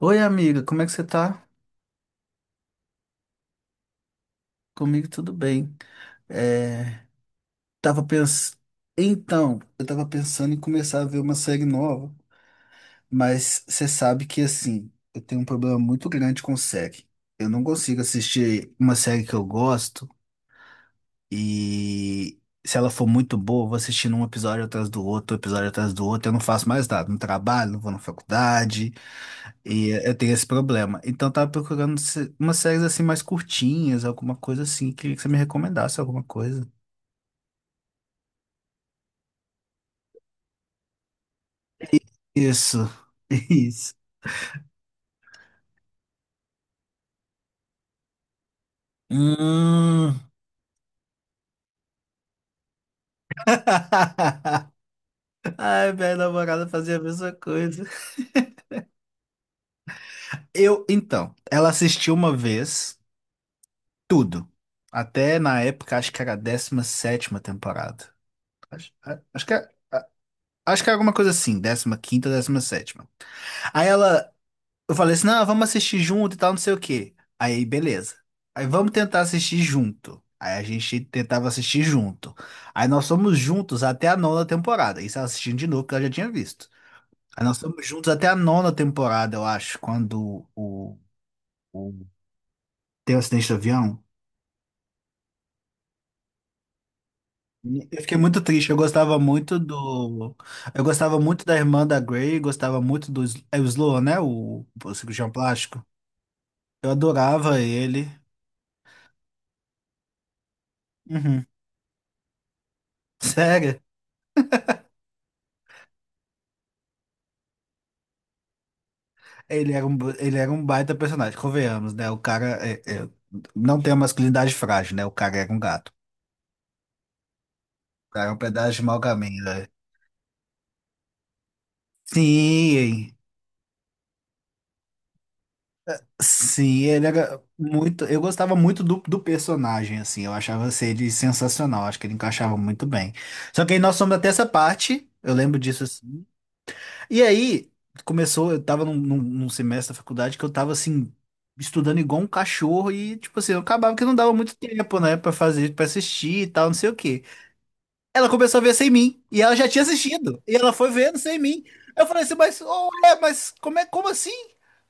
Oi, amiga, como é que você tá? Comigo tudo bem. É, tava pens... Então, eu tava pensando em começar a ver uma série nova, mas você sabe que, assim, eu tenho um problema muito grande com série. Eu não consigo assistir uma série que eu gosto e se ela for muito boa, eu vou assistindo um episódio atrás do outro, um episódio atrás do outro, eu não faço mais nada. Não trabalho, não vou na faculdade. E eu tenho esse problema. Então, eu tava procurando umas séries assim mais curtinhas, alguma coisa assim. Queria que você me recomendasse alguma coisa. Isso. Isso. Hum. Ai, minha namorada fazia a mesma coisa. Então, ela assistiu uma vez tudo. Até na época, acho que era a 17ª temporada. Acho, a- acho que, era- a- acho que era alguma coisa assim, 15ª, 17ª. Aí ela. Eu falei assim, não, vamos assistir junto e tal, não sei o quê. Aí, beleza. Aí vamos tentar assistir junto. Aí a gente tentava assistir junto. Aí nós fomos juntos até a nona temporada. Isso ela assistindo de novo, porque ela já tinha visto. Aí nós fomos juntos até a nona temporada, eu acho, quando o- tem o acidente do avião. Eu fiquei muito triste, eu gostava muito do. Eu gostava muito da irmã da Grey, gostava muito do Sl- é o Sloan, né? O cirurgião plástico. Eu adorava ele. Uhum. Sério? Ele era um baita personagem, convenhamos, né? O cara não tem a masculinidade frágil, né? O cara era um gato. O cara é um pedaço de mau caminho, né? Sim, sim, ele era muito. Eu gostava muito do personagem, assim. Eu achava assim, ele sensacional. Acho que ele encaixava muito bem. Só que aí nós somos até essa parte. Eu lembro disso. E aí, começou, eu tava num semestre da faculdade que eu tava assim, estudando igual um cachorro e, tipo assim, eu acabava que não dava muito tempo, né, pra fazer, pra assistir e tal, não sei o quê. Ela começou a ver sem mim, e ela já tinha assistido, e ela foi vendo sem mim. Eu falei assim, mas, oh, é, mas como é, como assim?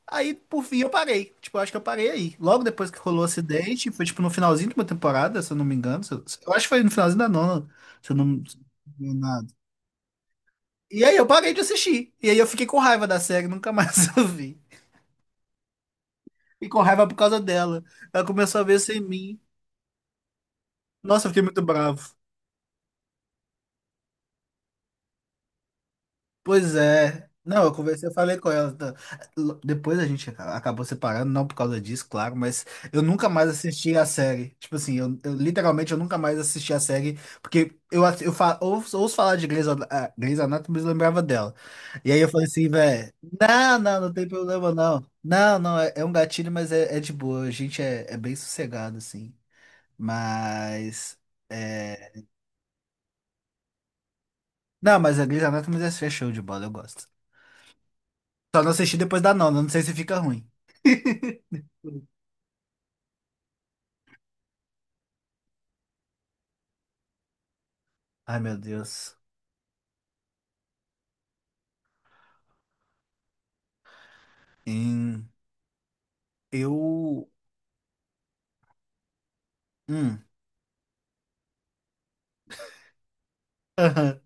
Aí, por fim, eu parei. Tipo, eu acho que eu parei aí. Logo depois que rolou o acidente, foi tipo no finalzinho de uma temporada, se eu não me engano. Se Eu, eu acho que foi no finalzinho da nona, se eu não. E aí eu parei de assistir. E aí eu fiquei com raiva da série, nunca mais eu vi. E com raiva por causa dela. Ela começou a ver sem mim. Nossa, eu fiquei muito bravo. Pois é. Não, eu conversei, eu falei com ela, tá? Depois a gente acabou separando, não por causa disso, claro, mas eu nunca mais assisti a série. Tipo assim, eu literalmente eu nunca mais assisti a série, porque eu, ass- eu fa- ouço, ouço falar de Grey's Anatomy, mas lembrava dela. E aí eu falei assim, velho, não, não, não tem problema não. Não, não, é um gatilho, mas é de boa. A gente é bem sossegado, assim. Mas. É. Não, mas a Grey's Anatomy é show de bola, eu gosto. Só não assisti depois da nona, não sei se fica ruim. Ai, meu Deus. Em... Eu. Hum. Aham.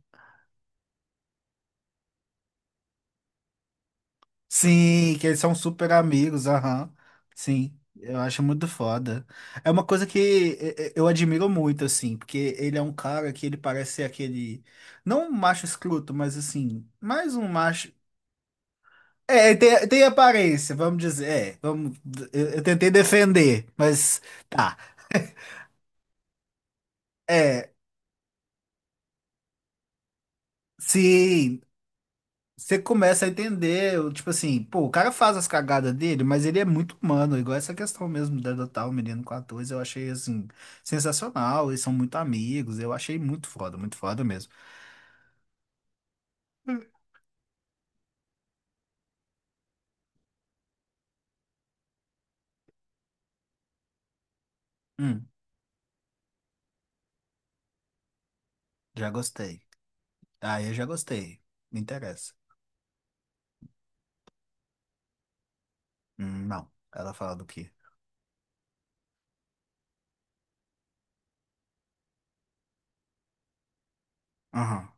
Sim, que eles são super amigos, aham. Sim, eu acho muito foda. É uma coisa que eu admiro muito, assim, porque ele é um cara que ele parece ser aquele. Não um macho escroto, mas assim, mais um macho. É, ele tem, tem aparência, vamos dizer. É, vamos, eu tentei defender, mas tá. É, sim. Você começa a entender, tipo assim, pô, o cara faz as cagadas dele, mas ele é muito humano, igual essa questão mesmo de adotar o menino com 14, eu achei, assim, sensacional, eles são muito amigos, eu achei muito foda mesmo. Hum, já gostei. Ah, eu já gostei. Me interessa. Não. Ela fala do quê? Aham,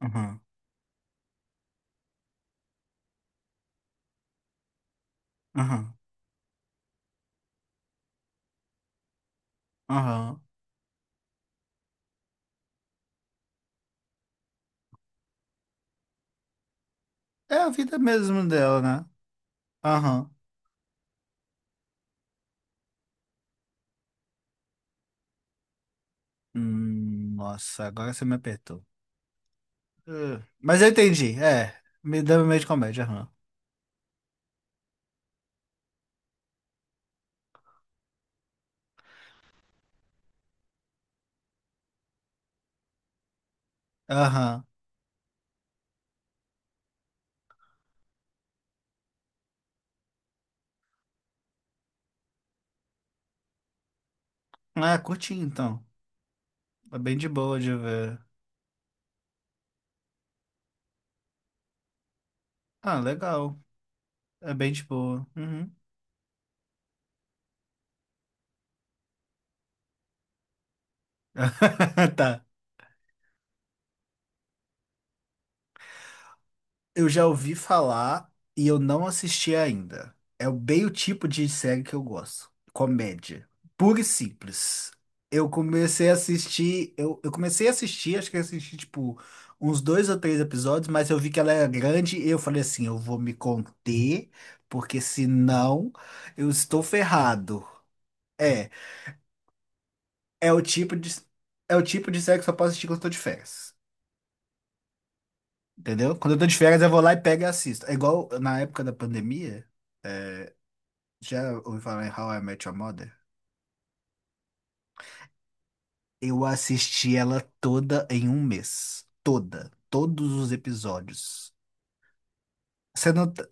aham, aham, aham. É a vida mesmo dela, né? Aham. Nossa, agora você me apertou. Ah, mas eu entendi, é. Me deu meio de comédia, aham. Aham. Ah, curti então. É bem de boa de ver. Ah, legal. É bem de boa. Uhum. Tá. Eu já ouvi falar e eu não assisti ainda. É bem o tipo de série que eu gosto. Comédia. Pura e simples. Eu comecei a assistir. Eu comecei a assistir, acho que eu assisti tipo uns dois ou três episódios, mas eu vi que ela era grande e eu falei assim: eu vou me conter, porque senão eu estou ferrado. É. É o tipo de, é o tipo de série que eu só posso assistir quando eu tô de férias. Entendeu? Quando eu tô de férias, eu vou lá e pego e assisto. É igual na época da pandemia, já ouvi falar em How I Met Your Mother? Eu assisti ela toda em um mês. Toda. Todos os episódios. Você não, t-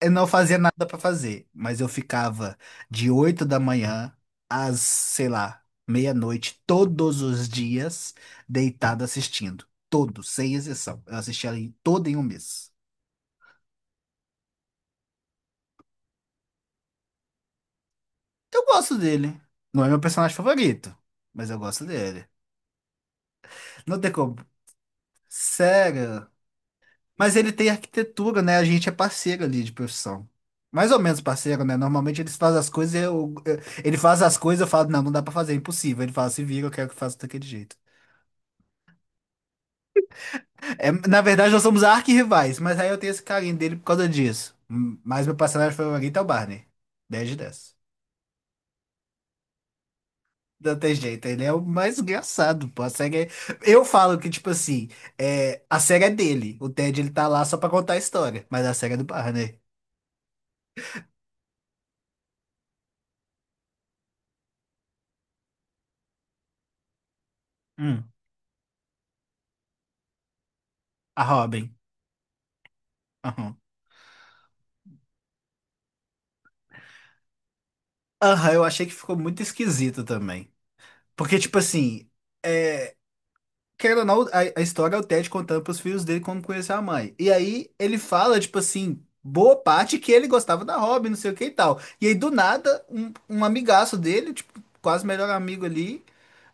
Eu não fazia nada pra fazer, mas eu ficava de 8 da manhã às, sei lá, meia-noite, todos os dias, deitado assistindo. Todos, sem exceção. Eu assisti ela toda em um mês. Eu gosto dele. Não é meu personagem favorito, mas eu gosto dele. Não tem como. Sério. Mas ele tem arquitetura, né? A gente é parceiro ali de profissão. Mais ou menos parceiro, né? Normalmente eles fazem as coisas, e ele faz as coisas, eu falo, não, não dá pra fazer, é impossível. Ele fala, se vira, eu quero que faça daquele jeito. É, na verdade, nós somos arquirrivais, mas aí eu tenho esse carinho dele por causa disso. Mas meu personagem favorito é o Barney. 10 de 10. Não tem jeito, ele é o mais engraçado, pô. A série é... Eu falo que, tipo assim, é... a série é dele. O Ted, ele tá lá só pra contar a história. Mas a série é do Barney. Hum. A Robin. Aham. Aham, eu achei que ficou muito esquisito também. Porque, tipo assim, querendo ou não, a história é o Ted contando pros filhos dele como conheceu a mãe. E aí, ele fala, tipo assim, boa parte que ele gostava da Robin, não sei o que e tal. E aí, do nada, um amigaço dele, tipo, quase melhor amigo ali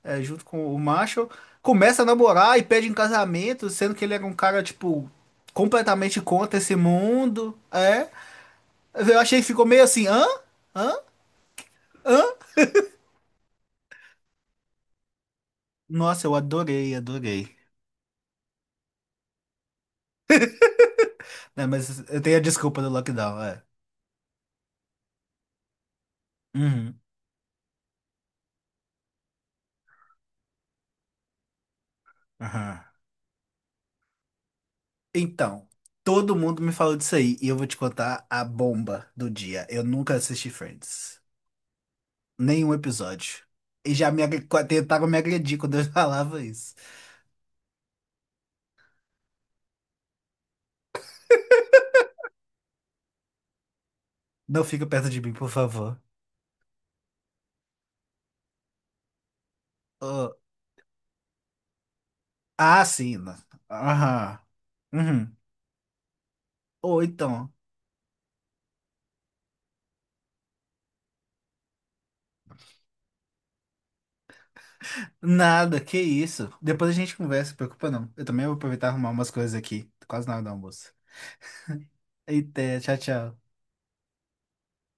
é, junto com o Marshall, começa a namorar e pede em casamento, sendo que ele era um cara, tipo, completamente contra esse mundo. É. Eu achei que ficou meio assim, hã? Hã? Hã? Nossa, eu adorei, adorei. Né, mas eu tenho a desculpa do lockdown, é. Uhum. Aham. Então, todo mundo me falou disso aí, e eu vou te contar a bomba do dia. Eu nunca assisti Friends. Nenhum episódio. E já me tentaram me agredir quando eu falava isso. Não fica perto de mim, por favor. Ah, sim. Aham. Uhum. Ou então. Nada, que isso. Depois a gente conversa, se preocupa não. Eu também vou aproveitar e arrumar umas coisas aqui. Tô quase na hora do almoço. Eita, tchau, tchau.